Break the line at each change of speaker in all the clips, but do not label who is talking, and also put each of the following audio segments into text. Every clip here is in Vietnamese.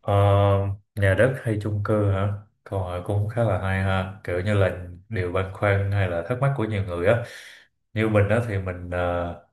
Ờ, nhà đất hay chung cư hả? Câu hỏi cũng khá là hay ha, kiểu như là điều băn khoăn hay là thắc mắc của nhiều người á. Như mình á thì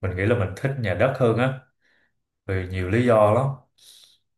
mình nghĩ là mình thích nhà đất hơn á, vì nhiều lý do lắm.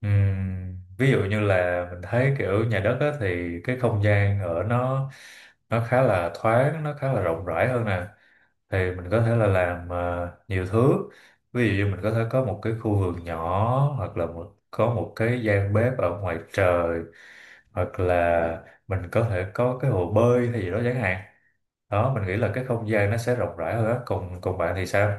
Ví dụ như là mình thấy kiểu nhà đất á, thì cái không gian ở nó khá là thoáng, nó khá là rộng rãi hơn nè, thì mình có thể là làm nhiều thứ, ví dụ như mình có thể có một cái khu vườn nhỏ, hoặc là có một cái gian bếp ở ngoài trời, hoặc là mình có thể có cái hồ bơi hay gì đó chẳng hạn. Đó, mình nghĩ là cái không gian nó sẽ rộng rãi hơn á, còn còn bạn thì sao?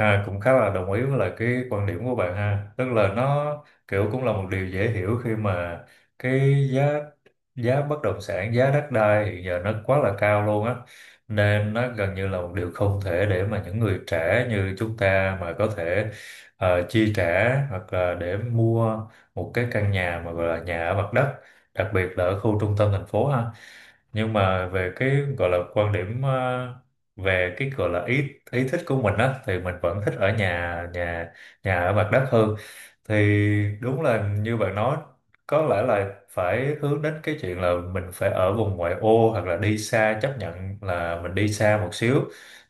À, cũng khá là đồng ý với lại cái quan điểm của bạn ha, tức là nó kiểu cũng là một điều dễ hiểu khi mà cái giá giá bất động sản, giá đất đai hiện giờ nó quá là cao luôn á, nên nó gần như là một điều không thể để mà những người trẻ như chúng ta mà có thể chi trả hoặc là để mua một cái căn nhà mà gọi là nhà ở mặt đất, đặc biệt là ở khu trung tâm thành phố ha. Nhưng mà về cái gọi là quan điểm, về cái gọi là ý ý thích của mình á, thì mình vẫn thích ở nhà nhà nhà ở mặt đất hơn. Thì đúng là như bạn nói, có lẽ là phải hướng đến cái chuyện là mình phải ở vùng ngoại ô hoặc là đi xa, chấp nhận là mình đi xa một xíu,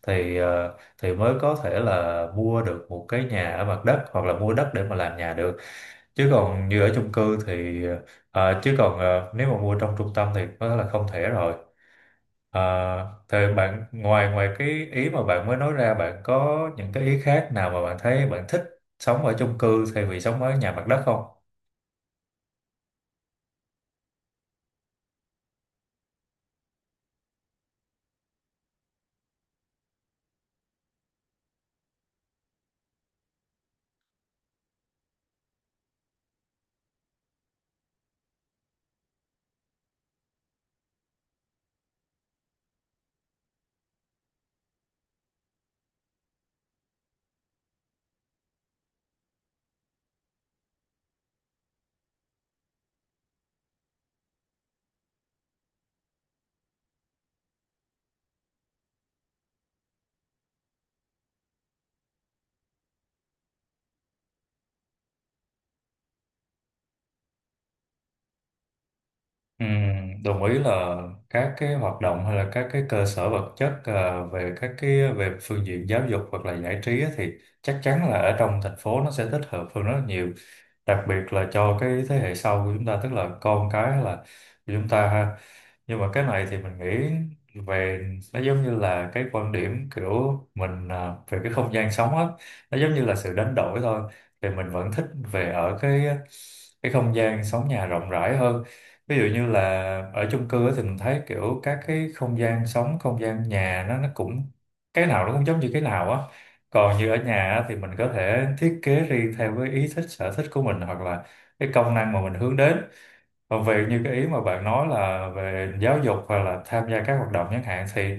thì mới có thể là mua được một cái nhà ở mặt đất hoặc là mua đất để mà làm nhà được. Chứ còn như ở chung cư thì nếu mà mua trong trung tâm thì có thể là không thể rồi. À, thế bạn, ngoài ngoài cái ý mà bạn mới nói ra, bạn có những cái ý khác nào mà bạn thấy bạn thích sống ở chung cư thay vì sống ở nhà mặt đất không? Ừm, Đồng ý là các cái hoạt động hay là các cái cơ sở vật chất à, về các cái về phương diện giáo dục hoặc là giải trí á, thì chắc chắn là ở trong thành phố nó sẽ thích hợp hơn rất là nhiều, đặc biệt là cho cái thế hệ sau của chúng ta, tức là con cái hay là của chúng ta ha. Nhưng mà cái này thì mình nghĩ về nó giống như là cái quan điểm kiểu mình à, về cái không gian sống á, nó giống như là sự đánh đổi thôi. Thì mình vẫn thích về ở cái không gian sống nhà rộng rãi hơn. Ví dụ như là ở chung cư á thì mình thấy kiểu các cái không gian sống, không gian nhà nó cũng cái nào nó cũng giống như cái nào á. Còn như ở nhà á, thì mình có thể thiết kế riêng theo cái ý thích, sở thích của mình, hoặc là cái công năng mà mình hướng đến. Còn về như cái ý mà bạn nói là về giáo dục hoặc là tham gia các hoạt động chẳng hạn, thì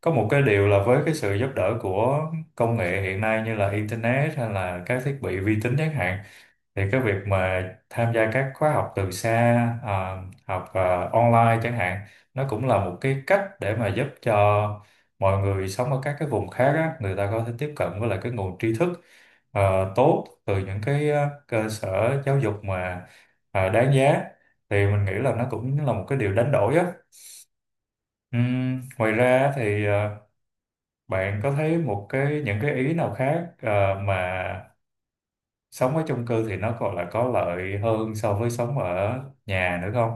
có một cái điều là với cái sự giúp đỡ của công nghệ hiện nay như là internet hay là các thiết bị vi tính chẳng hạn, thì cái việc mà tham gia các khóa học từ xa, à, học à, online chẳng hạn, nó cũng là một cái cách để mà giúp cho mọi người sống ở các cái vùng khác á, người ta có thể tiếp cận với lại cái nguồn tri thức tốt từ những cái cơ sở giáo dục mà đáng giá. Thì mình nghĩ là nó cũng là một cái điều đánh đổi á. Ngoài ra thì, bạn có thấy một cái những cái ý nào khác mà sống ở chung cư thì nó còn là có lợi hơn so với sống ở nhà nữa không?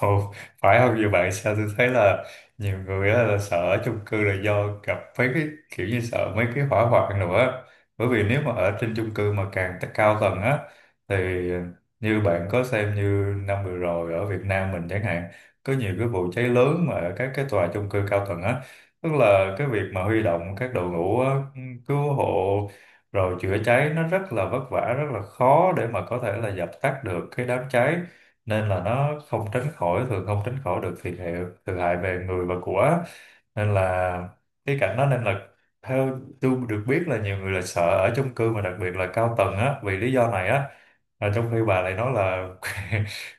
Ồ, phải không? Nhiều bạn sao tôi thấy là nhiều người á là sợ ở chung cư là do gặp mấy cái kiểu như sợ mấy cái hỏa hoạn nữa, bởi vì nếu mà ở trên chung cư mà càng tất cao tầng á, thì như bạn có xem như năm vừa rồi ở Việt Nam mình chẳng hạn, có nhiều cái vụ cháy lớn mà ở các cái tòa chung cư cao tầng á, tức là cái việc mà huy động các đội ngũ á, cứu hộ rồi chữa cháy, nó rất là vất vả, rất là khó để mà có thể là dập tắt được cái đám cháy, nên là nó không tránh khỏi, thường không tránh khỏi được thiệt hại, thiệt hại về người và của. Nên là cái cảnh đó, nên là theo tôi được biết là nhiều người là sợ ở chung cư mà đặc biệt là cao tầng á, vì lý do này á. À, trong khi bà lại nói là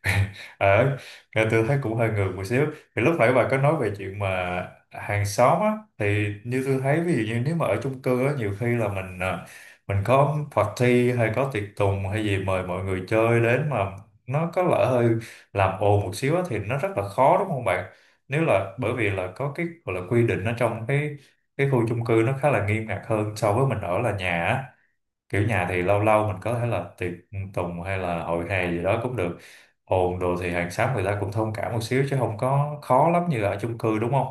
ở, nghe tôi thấy cũng hơi ngược một xíu. Thì lúc nãy bà có nói về chuyện mà hàng xóm á, thì như tôi thấy ví dụ như nếu mà ở chung cư á, nhiều khi là mình à, mình có party hay có tiệc tùng hay gì mời mọi người chơi đến mà nó có lỡ hơi làm ồn một xíu á, thì nó rất là khó đúng không bạn? Nếu là bởi vì là có cái gọi là quy định ở trong cái khu chung cư, nó khá là nghiêm ngặt hơn so với mình ở là nhà á. Kiểu nhà thì lâu lâu mình có thể là tiệc tùng hay là hội hè gì đó cũng được, ồn đồ thì hàng xóm người ta cũng thông cảm một xíu chứ không có khó lắm như ở chung cư đúng không?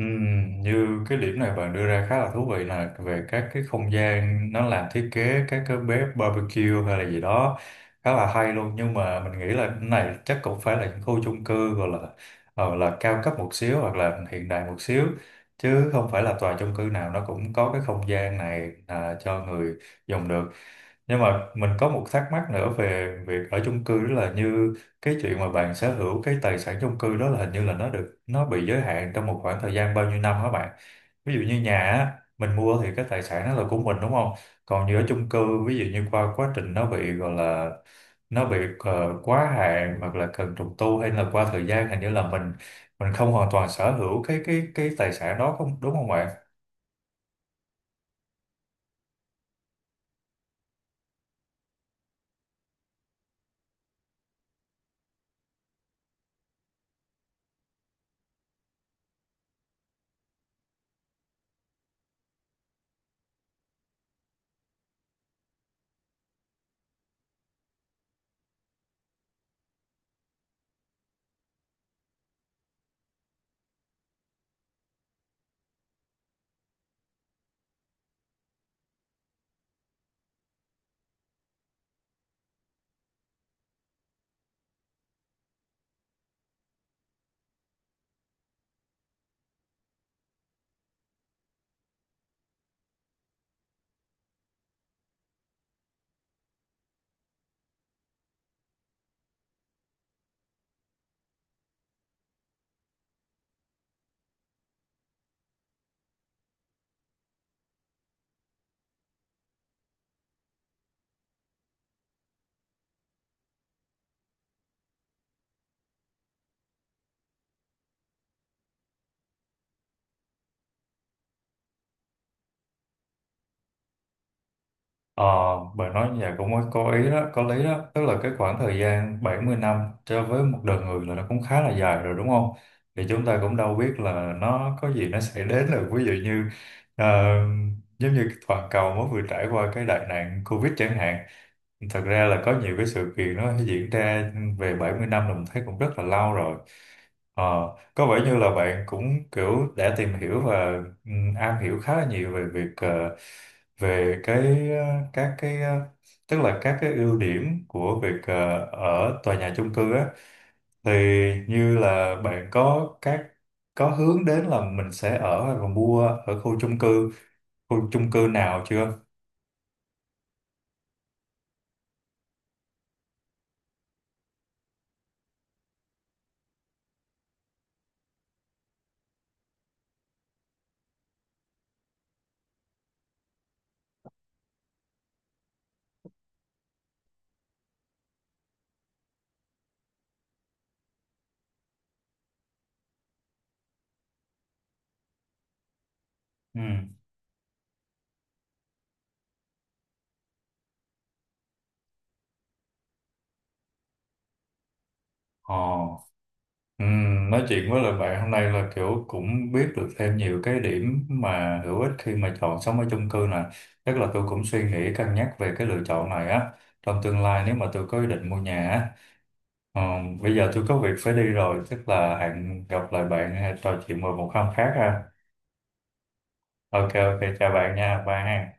Như cái điểm này bạn đưa ra khá là thú vị, là về các cái không gian nó làm thiết kế các cái bếp barbecue hay là gì đó, khá là hay luôn. Nhưng mà mình nghĩ là cái này chắc cũng phải là những khu chung cư gọi là là cao cấp một xíu hoặc là hiện đại một xíu, chứ không phải là tòa chung cư nào nó cũng có cái không gian này à, cho người dùng được. Nhưng mà mình có một thắc mắc nữa về việc ở chung cư, đó là như cái chuyện mà bạn sở hữu cái tài sản chung cư đó là hình như là nó được, nó bị giới hạn trong một khoảng thời gian bao nhiêu năm hả bạn? Ví dụ như nhà á, mình mua thì cái tài sản đó là của mình đúng không? Còn như ở chung cư, ví dụ như qua quá trình nó bị gọi là nó bị quá hạn hoặc là cần trùng tu hay là qua thời gian, hình như là mình không hoàn toàn sở hữu cái tài sản đó, không đúng không bạn? Ờ, bạn nói như vậy cũng có ý đó, có lý đó. Tức là cái khoảng thời gian 70 năm cho với một đời người là nó cũng khá là dài rồi đúng không? Thì chúng ta cũng đâu biết là nó có gì nó sẽ đến được. Ví dụ như ờ, giống như toàn cầu mới vừa trải qua cái đại nạn Covid chẳng hạn. Thật ra là có nhiều cái sự kiện nó diễn ra. Về 70 năm là mình thấy cũng rất là lâu rồi. Ờ, có vẻ như là bạn cũng kiểu đã tìm hiểu và ừ, am hiểu khá là nhiều về việc ờ, về cái ờ, các cái ờ, tức là các cái ưu điểm của việc ở tòa nhà chung cư á, thì như là bạn có các có hướng đến là mình sẽ ở và mua ở khu chung cư nào chưa? Ừ. Ờ. Nói chuyện với lại bạn hôm nay là kiểu cũng biết được thêm nhiều cái điểm mà hữu ích khi mà chọn sống ở chung cư nè. Chắc là tôi cũng suy nghĩ cân nhắc về cái lựa chọn này á. Trong tương lai nếu mà tôi có ý định mua nhà á. Ờ, bây giờ tôi có việc phải đi rồi, chắc là hẹn gặp lại bạn hay trò chuyện vào một hôm khác ha. Ok ok chào bạn nha, bye ha.